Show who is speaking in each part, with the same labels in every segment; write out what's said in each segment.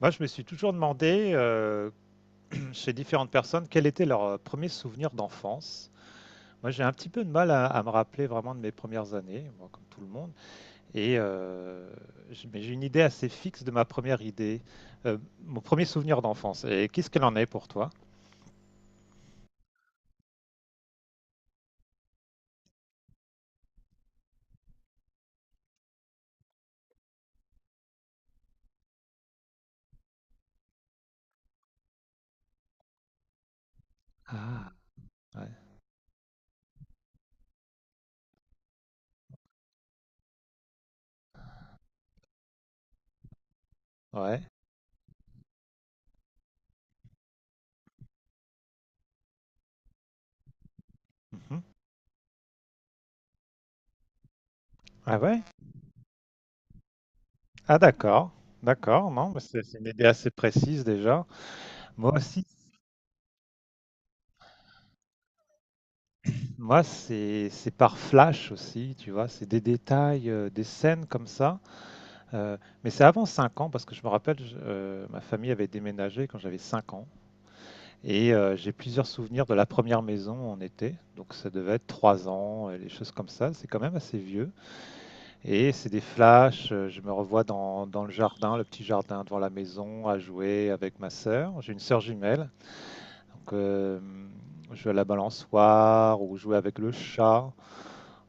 Speaker 1: Moi, je me suis toujours demandé, chez différentes personnes, quel était leur, 1 souvenir d'enfance. Moi, j'ai un petit peu de mal à me rappeler vraiment de mes premières années, moi, comme tout le monde. Et heu, j mais j'ai une idée assez fixe de ma première idée, mon premier souvenir d'enfance. Et qu'est-ce qu'elle en est pour toi? Ah, ouais. Ouais. Mmh. Ah ouais? Ah d'accord, d'accord, non, bah, c'est une idée assez précise déjà. Moi aussi, moi, c'est par flash aussi, tu vois? C'est des détails, des scènes comme ça. Heu, mais c'est avant 5 ans parce que je me rappelle, je ma famille avait déménagé quand j'avais 5 ans et j'ai plusieurs souvenirs de la première re maison en été, donc ça devait être 3 ans et les choses comme ça. C'est quand même assez vieux et c'est des flashs. Je me revois dans le jardin, le petit jardin devant la maison, à jouer avec ma sœur. J'ai une sœur jumelle, donc jouer à la balançoire ou jouer avec le chat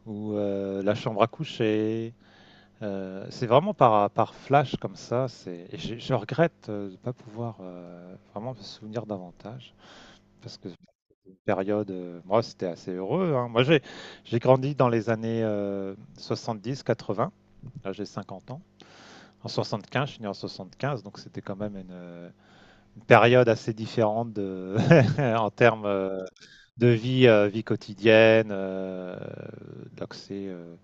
Speaker 1: ou la chambre à coucher. C'est vraiment par flash comme ça. Et je regrette, de ne pas pouvoir, vraiment me souvenir davantage. Parce que c'était une période, moi, c'était assez heureux, hein. Moi, j'ai grandi dans les années 70-80. Là, j'ai 50 ans. En 75, je suis né en 75, donc c'était quand même une période assez différente de, en termes, de vie, vie quotidienne, d'accès,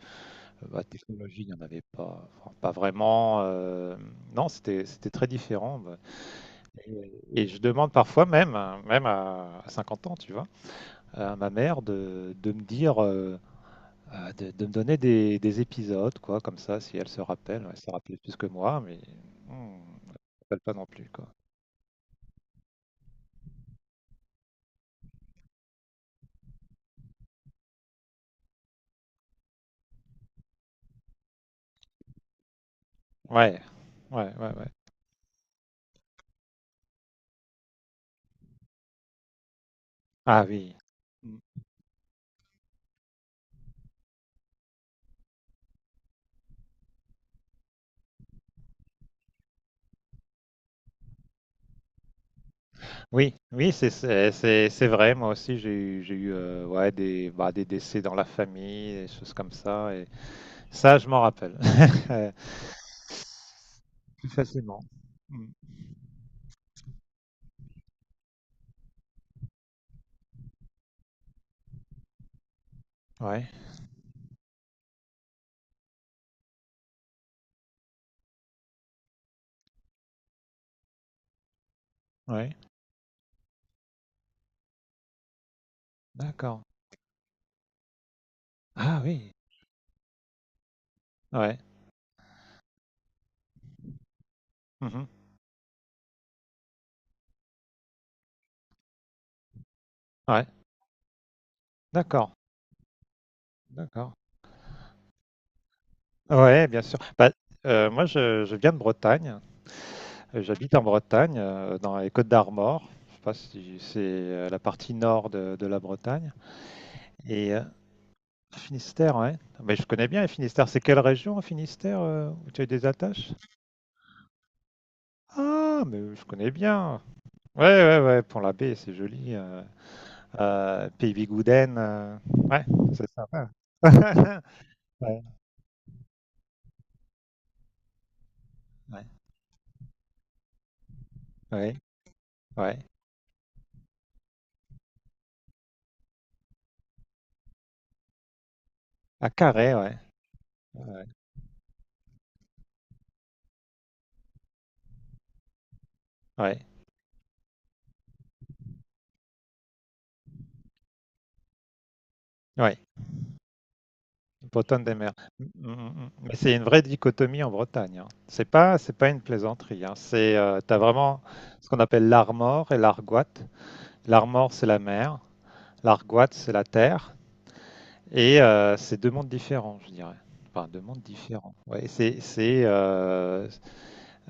Speaker 1: Bah, technologie, il y en avait pas, enfin pas vraiment, non, c'était très différent, bah. Et je demande parfois même, hein, même à 50 ans, tu vois, à ma mère de me dire, de me donner des épisodes, quoi, comme ça, si elle se rappelle. Elle se rappelle plus que moi, mais mmh, je me rappelle pas non plus, quoi. Ouais, ouais, ouais, ouais. Ah oui. Mmh. Oui, oui, c'est vrai. Moi aussi j'ai eu, ouais, bah, des décès dans la famille, des choses comme ça. Ça, je m'en rappelle. Plus facilement. Mm. Ouais, ouais, d'accord. Ah oui, ouais. Mhm. Ouais, d'accord, d'accord. Ouais, bien sûr. Bah, moi, je viens de Bretagne. J'habite en Bretagne, dans les Côtes d'Armor. Je sais pas si c'est la partie nord de la Bretagne. Et Finistère, ouais. Mais je connais bien le Finistère. C'est quelle région, en Finistère, où tu as des attaches? Ah, mais je connais bien. Ouais, ouais, ouais. Pont-l'Abbé, c'est joli. Pays Gouden, ouais, c'est sympa. Ouais, ouais, ouais, ouais. À Carré, ouais, ouais, ouais, ouais. Bretonne des mers. Mm, mm, mm. Mais c'est une vraie dichotomie en Bretagne, hein. C'est pas une plaisanterie, hein. C'est, t'as vraiment ce qu'on appelle l'armor et l'argoat. L'armor, c'est la mer. L'argoat, c'est la terre. Et c'est deux mondes différents, je dirais. Enfin, deux mondes différents. Ouais, c'est c'est euh,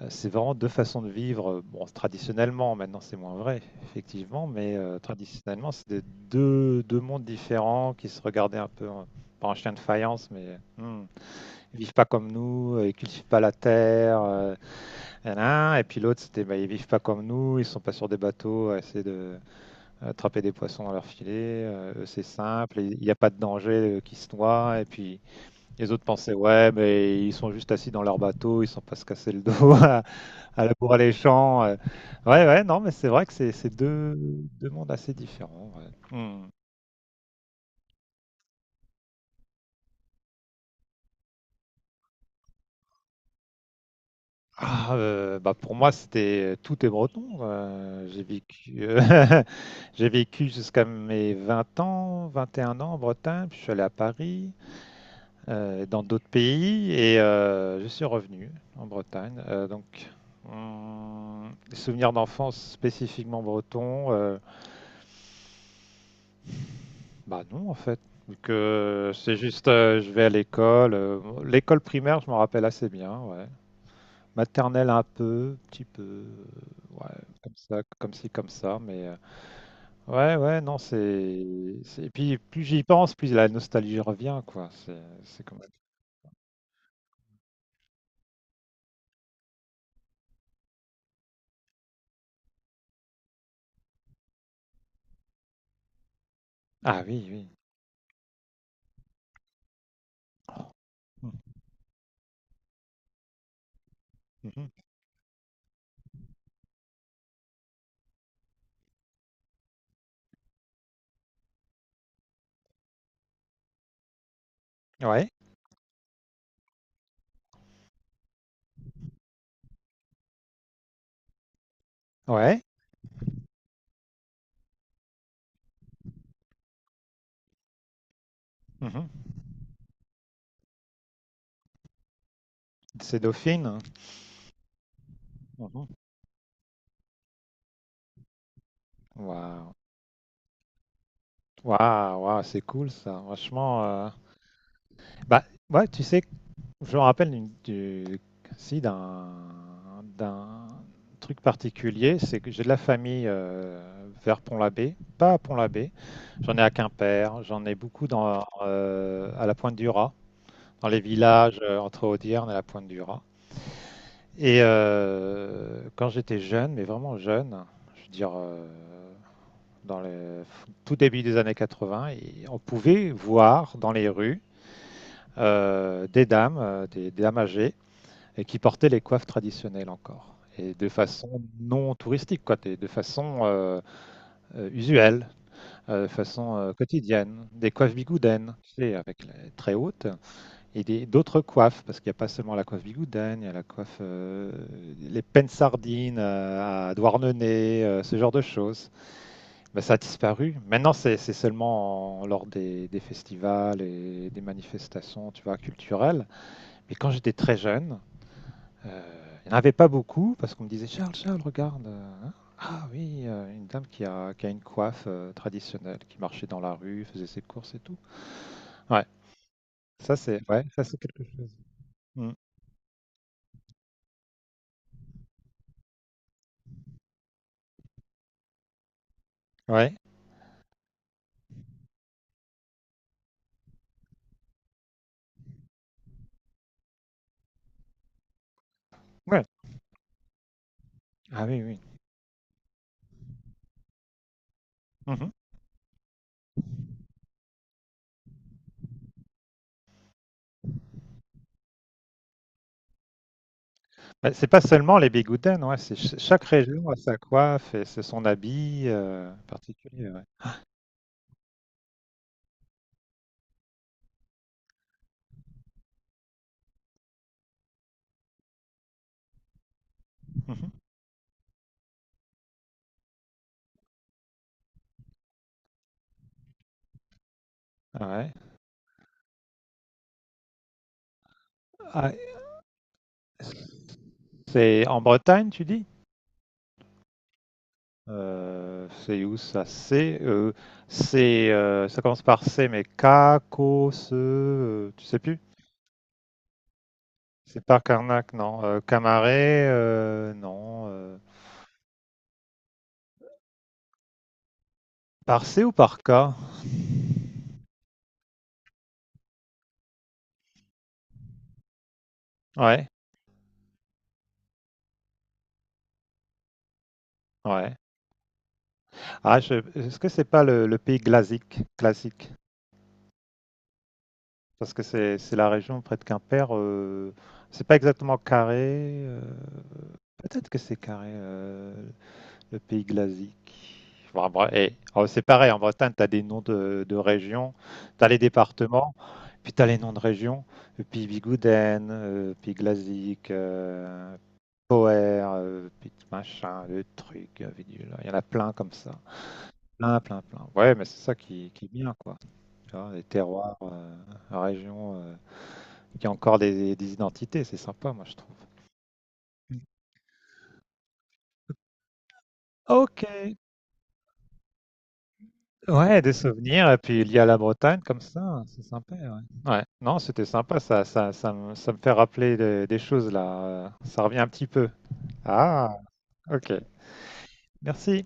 Speaker 1: c'est vraiment deux façons de vivre. Bon, traditionnellement, maintenant c'est moins vrai, effectivement, mais traditionnellement, deux mondes différents qui se regardaient un peu, pas en chien de faïence, mais hmm, ils vivent pas comme nous, ils cultivent pas la terre, nanana. Et puis l'autre, c'était, bah, ils vivent pas comme nous, ils sont pas sur des bateaux, à essayer de attraper des poissons dans leur filet, eux, c'est simple, il n'y a pas de danger qu'ils se noient. Et puis les autres pensaient, ouais, mais ils sont juste assis dans leur bateau, ils sont pas se casser le dos à labourer les champs, euh. Ouais, ouais, non, mais c'est vrai que c'est deux, mondes assez différents, ouais. Hmm. Ah, bah pour moi, c'était tout est breton. J'ai vécu, j'ai vécu jusqu'à mes 20 ans, 21 ans en Bretagne, puis je suis allé à Paris. Dans d'autres pays et je suis revenu en Bretagne. Donc, les souvenirs d'enfance spécifiquement bretons, bah non en fait. Donc, c'est juste, je vais à l'école. L'école primaire, je m'en rappelle assez bien, ouais. Maternelle un peu, petit peu, ouais, comme ça, comme ci, comme ça, mais ouais, ouais, non, et puis plus j'y pense, plus la nostalgie revient, quoi. C'est comme. Ah oui, oui. Mhm. Ouais, ouais. Mhm. C'est Dauphine. Mhm. Waouh, waouh, waouh, c'est cool ça. Franchement, bah ouais, tu sais, je me rappelle si d'un truc particulier, c'est que j'ai de la famille vers Pont-l'Abbé, pas à Pont-l'Abbé. J'en ai à Quimper, j'en ai beaucoup dans, à la Pointe du Raz, dans les villages, entre Audierne et la Pointe du Raz. Et quand j'étais jeune, mais vraiment jeune, je veux dire, dans le tout début des années 80, et on pouvait voir dans les rues des dames, des dames âgées, et qui portaient les coiffes traditionnelles encore. Et de façon non touristique, quoi, de façon, usuelle, de façon, quotidienne. Des coiffes bigoudaines, tu sais, avec les très hautes, et d'autres coiffes, parce qu'il n'y a pas seulement la coiffe bigoudaine. Il y a la coiffe, les peines sardines, à Douarnenez, ce genre de choses. Bah, ça a disparu. Maintenant, c'est seulement lors des festivals et des manifestations, tu vois, culturelles. Mais quand j'étais très jeune, il n'y en avait pas beaucoup, parce qu'on me disait, Charles, Charles, regarde, hein. Ah oui, une dame qui a une coiffe, traditionnelle, qui marchait dans la rue, faisait ses courses et tout. Ouais, Ouais, ça c'est... Mm. Ouais. Ouais. Ah oui, oui. Mhm. Bah, c'est pas seulement les bigoudens, ouais, c'est chaque région a sa coiffe et c'est son habit, particulier. Mhm. Ouais. Ah, c'est en Bretagne, tu dis? C'est où ça? Ça commence par C, mais K, Ko, Ce, tu sais plus? C'est par Carnac, non. Camaret, non, euh. Par C ou par K? Ouais, ouais. Ah, je- est-ce que c'est pas le, pays glasique, classique? Parce que c'est la région près de Quimper. C'est pas exactement carré, peut-être que c'est carré, le pays glasique. Bon, bref, oh, c'est pareil, en Bretagne. Tu as des noms de régions, tu as les départements, puis tu as les noms de régions. Le pays Bigouden, pays glasique, Poer, puis machin, le truc, bidule. Il y en a plein comme ça. Plein, plein, plein. Ouais, mais c'est ça qui est bien, quoi. Tu vois, les terroirs, régions, il y a encore des identités, c'est sympa, moi, je trouve. Ok, ouais, des souvenirs, et puis il y a la Bretagne comme ça, c'est sympa, ouais. Ouais, non, c'était sympa, ça me fait rappeler des choses là, ça revient un petit peu. Ah, ok, merci.